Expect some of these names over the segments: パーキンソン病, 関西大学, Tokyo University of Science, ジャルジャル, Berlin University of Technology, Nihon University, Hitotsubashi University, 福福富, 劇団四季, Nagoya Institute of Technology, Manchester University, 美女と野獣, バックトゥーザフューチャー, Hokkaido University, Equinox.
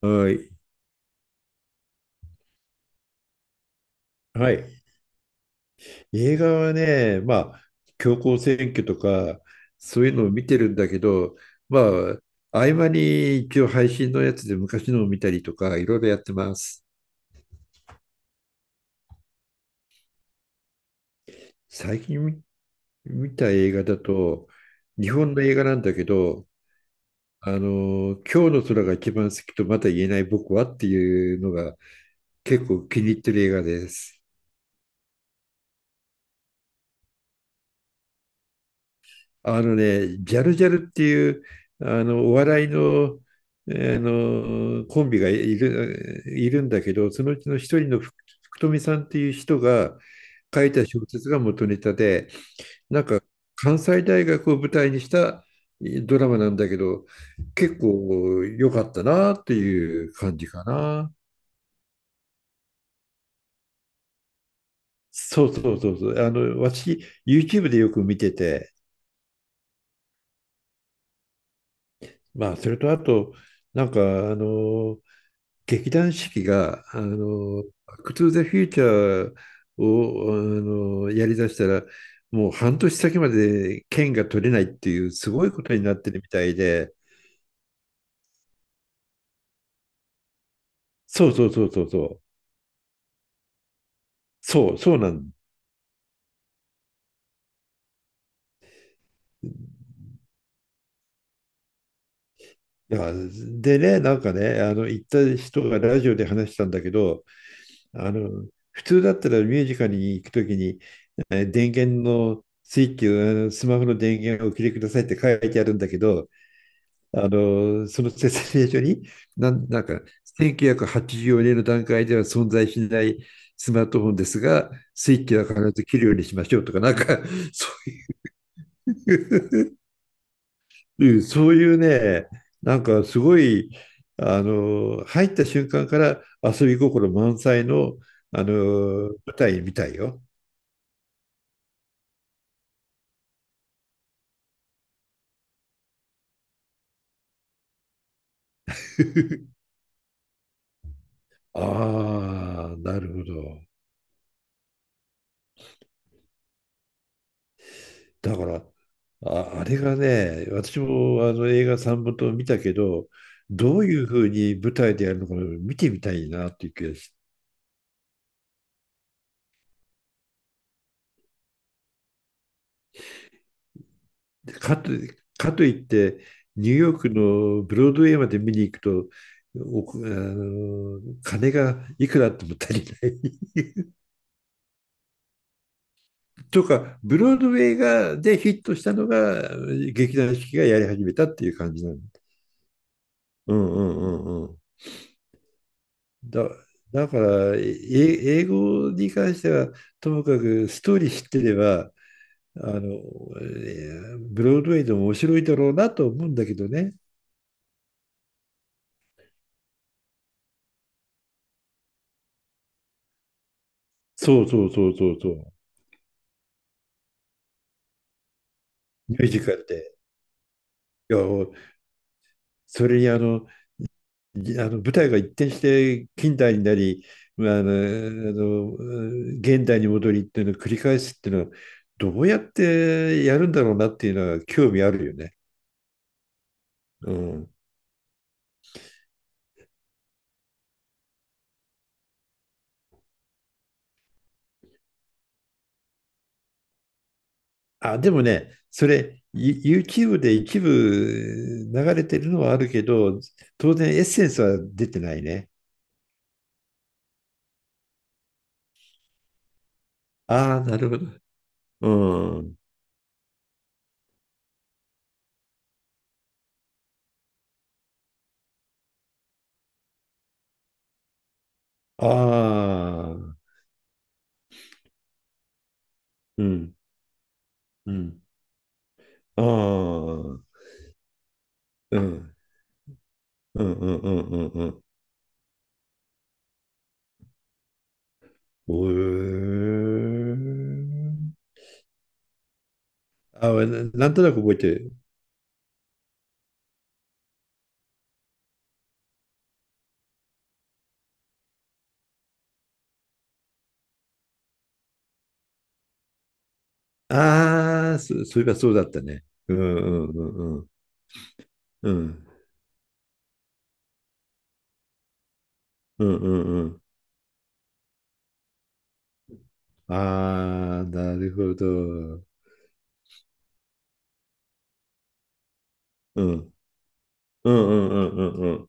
はい。はい。映画はね、まあ、強行選挙とか、そういうのを見てるんだけど、まあ、合間に一応配信のやつで昔のを見たりとか、いろいろやってます。最近た映画だと、日本の映画なんだけど、今日の空が一番好きとまだ言えない僕はっていうのが結構気に入ってる映画です。あのね、ジャルジャルっていう、お笑いの、あのコンビがいるんだけど、そのうちの一人の福富さんっていう人が書いた小説が元ネタで、なんか関西大学を舞台にしたドラマなんだけど、結構良かったなっていう感じかな。そうそうそうそう。私、YouTube でよく見てて、まあ、それとあと、なんか、あの、劇団四季が、バックトゥーザフューチャーを、やりだしたら、もう半年先まで券が取れないっていう、すごいことになってるみたいで、そうそうそうそうそう、そう、そうなんだから。でね、なんかね、行った人がラジオで話したんだけど、あの、普通だったらミュージカルに行くときに、電源のスイッチを、あのスマホの電源をお切りくださいって書いてあるんだけど、その説明書に、なんか、1984年の段階では存在しないスマートフォンですが、スイッチは必ず切るようにしましょうとか、なんか、そういう そういうね、なんかすごい、入った瞬間から遊び心満載の、あの、舞台みたいよ。ああ、なるほど。だから、あれがね、私もあの映画3本と見たけど、どういうふうに舞台でやるのか見てみたいなっていう気がし、かと、かといって、ニューヨークのブロードウェイまで見に行くと、金がいくらあっても足りない。とか、ブロードウェイでヒットしたのが、劇団四季がやり始めたっていう感じなの。うんうんうんうん。だ、だから、英語に関しては、ともかくストーリー知ってれば、あの、ブロードウェイでも面白いだろうなと思うんだけどね。そうそうそうそうそう。ミュージカルで。いや、それにあの舞台が一転して近代になり、まあ、現代に戻りっていうのを繰り返すっていうのは、どうやってやるんだろうなっていうのは興味あるよね。うん。でもね、それ、YouTube で一部流れてるのはあるけど、当然エッセンスは出てないね。ああ、なるほど。うん。ああ、うん、うん。ああ、うん、うん、うん、うん、うん。うん。おーあ、なんとなく覚えてる。ああ、そういえばそうだったね。うん、うん、うん、うん。うん、うん、うん。うん。ああ、なるほど。うん。うんうんうんうんうん。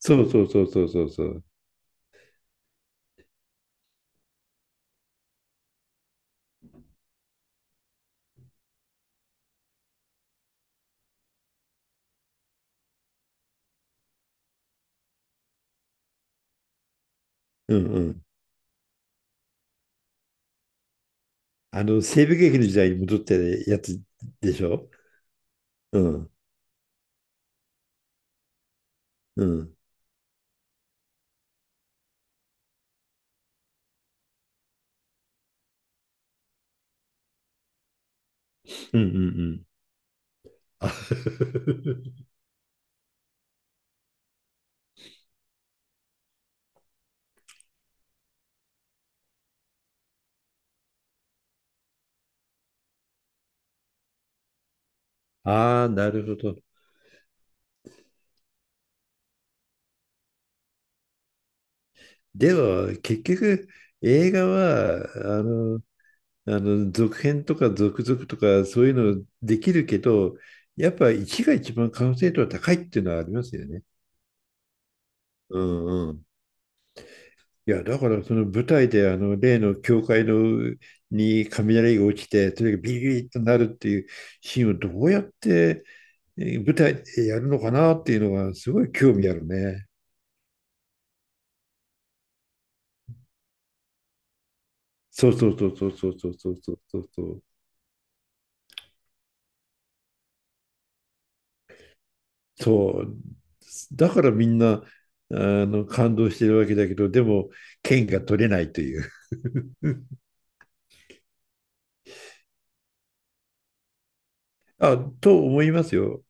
そうそうそうそうそうそう。うんうん。西部劇の時代に戻ってるやつでしょ？うん。うん。うんうんうん。あ あー、なるほど。では、結局、映画は、続編とか続々とか、そういうのできるけど、やっぱ一が一番完成度は高いっていうのはありますよね。うん。いや、だからその舞台であの例の教会のに雷が落ちて、とにかくビリビリとなるっていうシーンをどうやって舞台でやるのかなっていうのがすごい興味あるね。そうそうそうそうそうそうそうそうそう。そう。だからみんなあ感動してるわけだけど、でも剣が取れないという。あ、と思いますよ。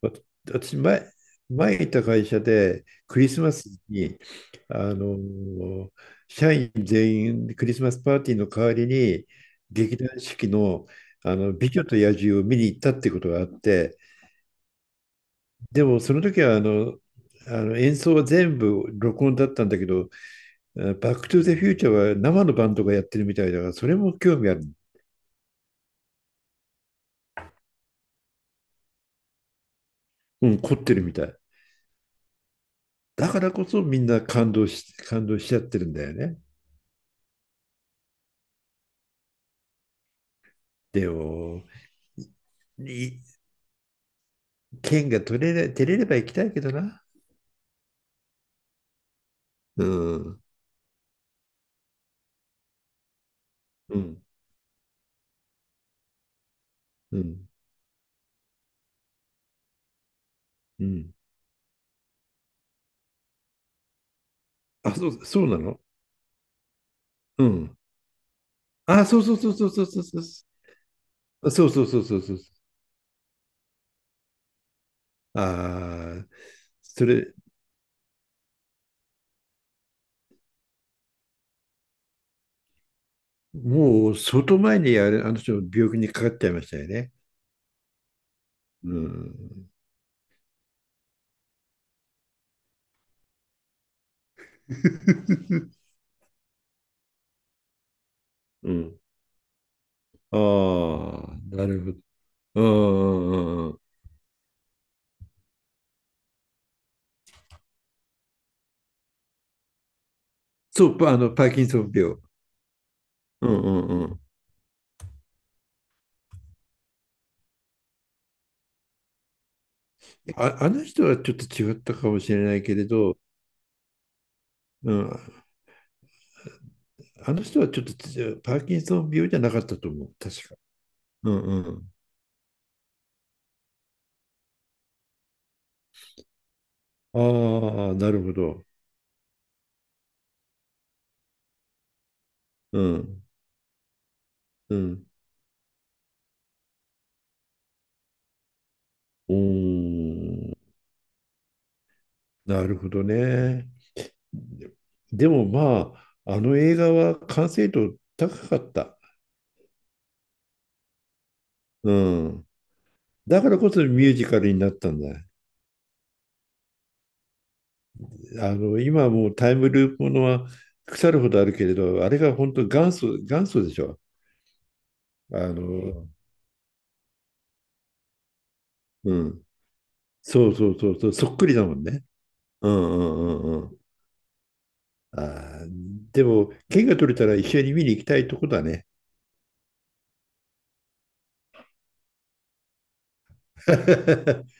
わ私、前いた会社でクリスマスに、あの社員全員クリスマスパーティーの代わりに劇団四季の、「美女と野獣」を見に行ったってことがあって、でもその時は演奏は全部録音だったんだけど、「あのバック・トゥ・ザ・フューチャー」は生のバンドがやってるみたいだからそれも興味ある、うん、凝ってるみたい。だからこそみんな感動しちゃってるんだよね。でもい剣が取れれ、照れれば行きたいけどな。うん。うん。うん。うん。あ、そう、そうなの。うん。あ、そうそうそうそうそうそうそう。そうそうそうそうそう。ああ、それ、もう相当前にあれ、あの人の病気にかかっちゃいましたよね。うん。うん。ああ、なるほど。うんうんうんうん。そう、パあの、パーキンソン病。うんうんうん。あ、あの人はちょっと違ったかもしれないけれど、うん、あの人はちょっとパーキンソン病じゃなかったと思う、確か。うんうん。ああ、なるほど。うんうん。おー、なるほどね。ででもまあ、あの映画は完成度高かった。うん。だからこそミュージカルになったんだ。今はもうタイムループものは腐るほどあるけれど、あれが本当元祖、元祖でしょ。あの、うん。そうそうそうそう、そっくりだもんね。うんうんうんうん。あーでも、券が取れたら一緒に見に行きたいとこだね。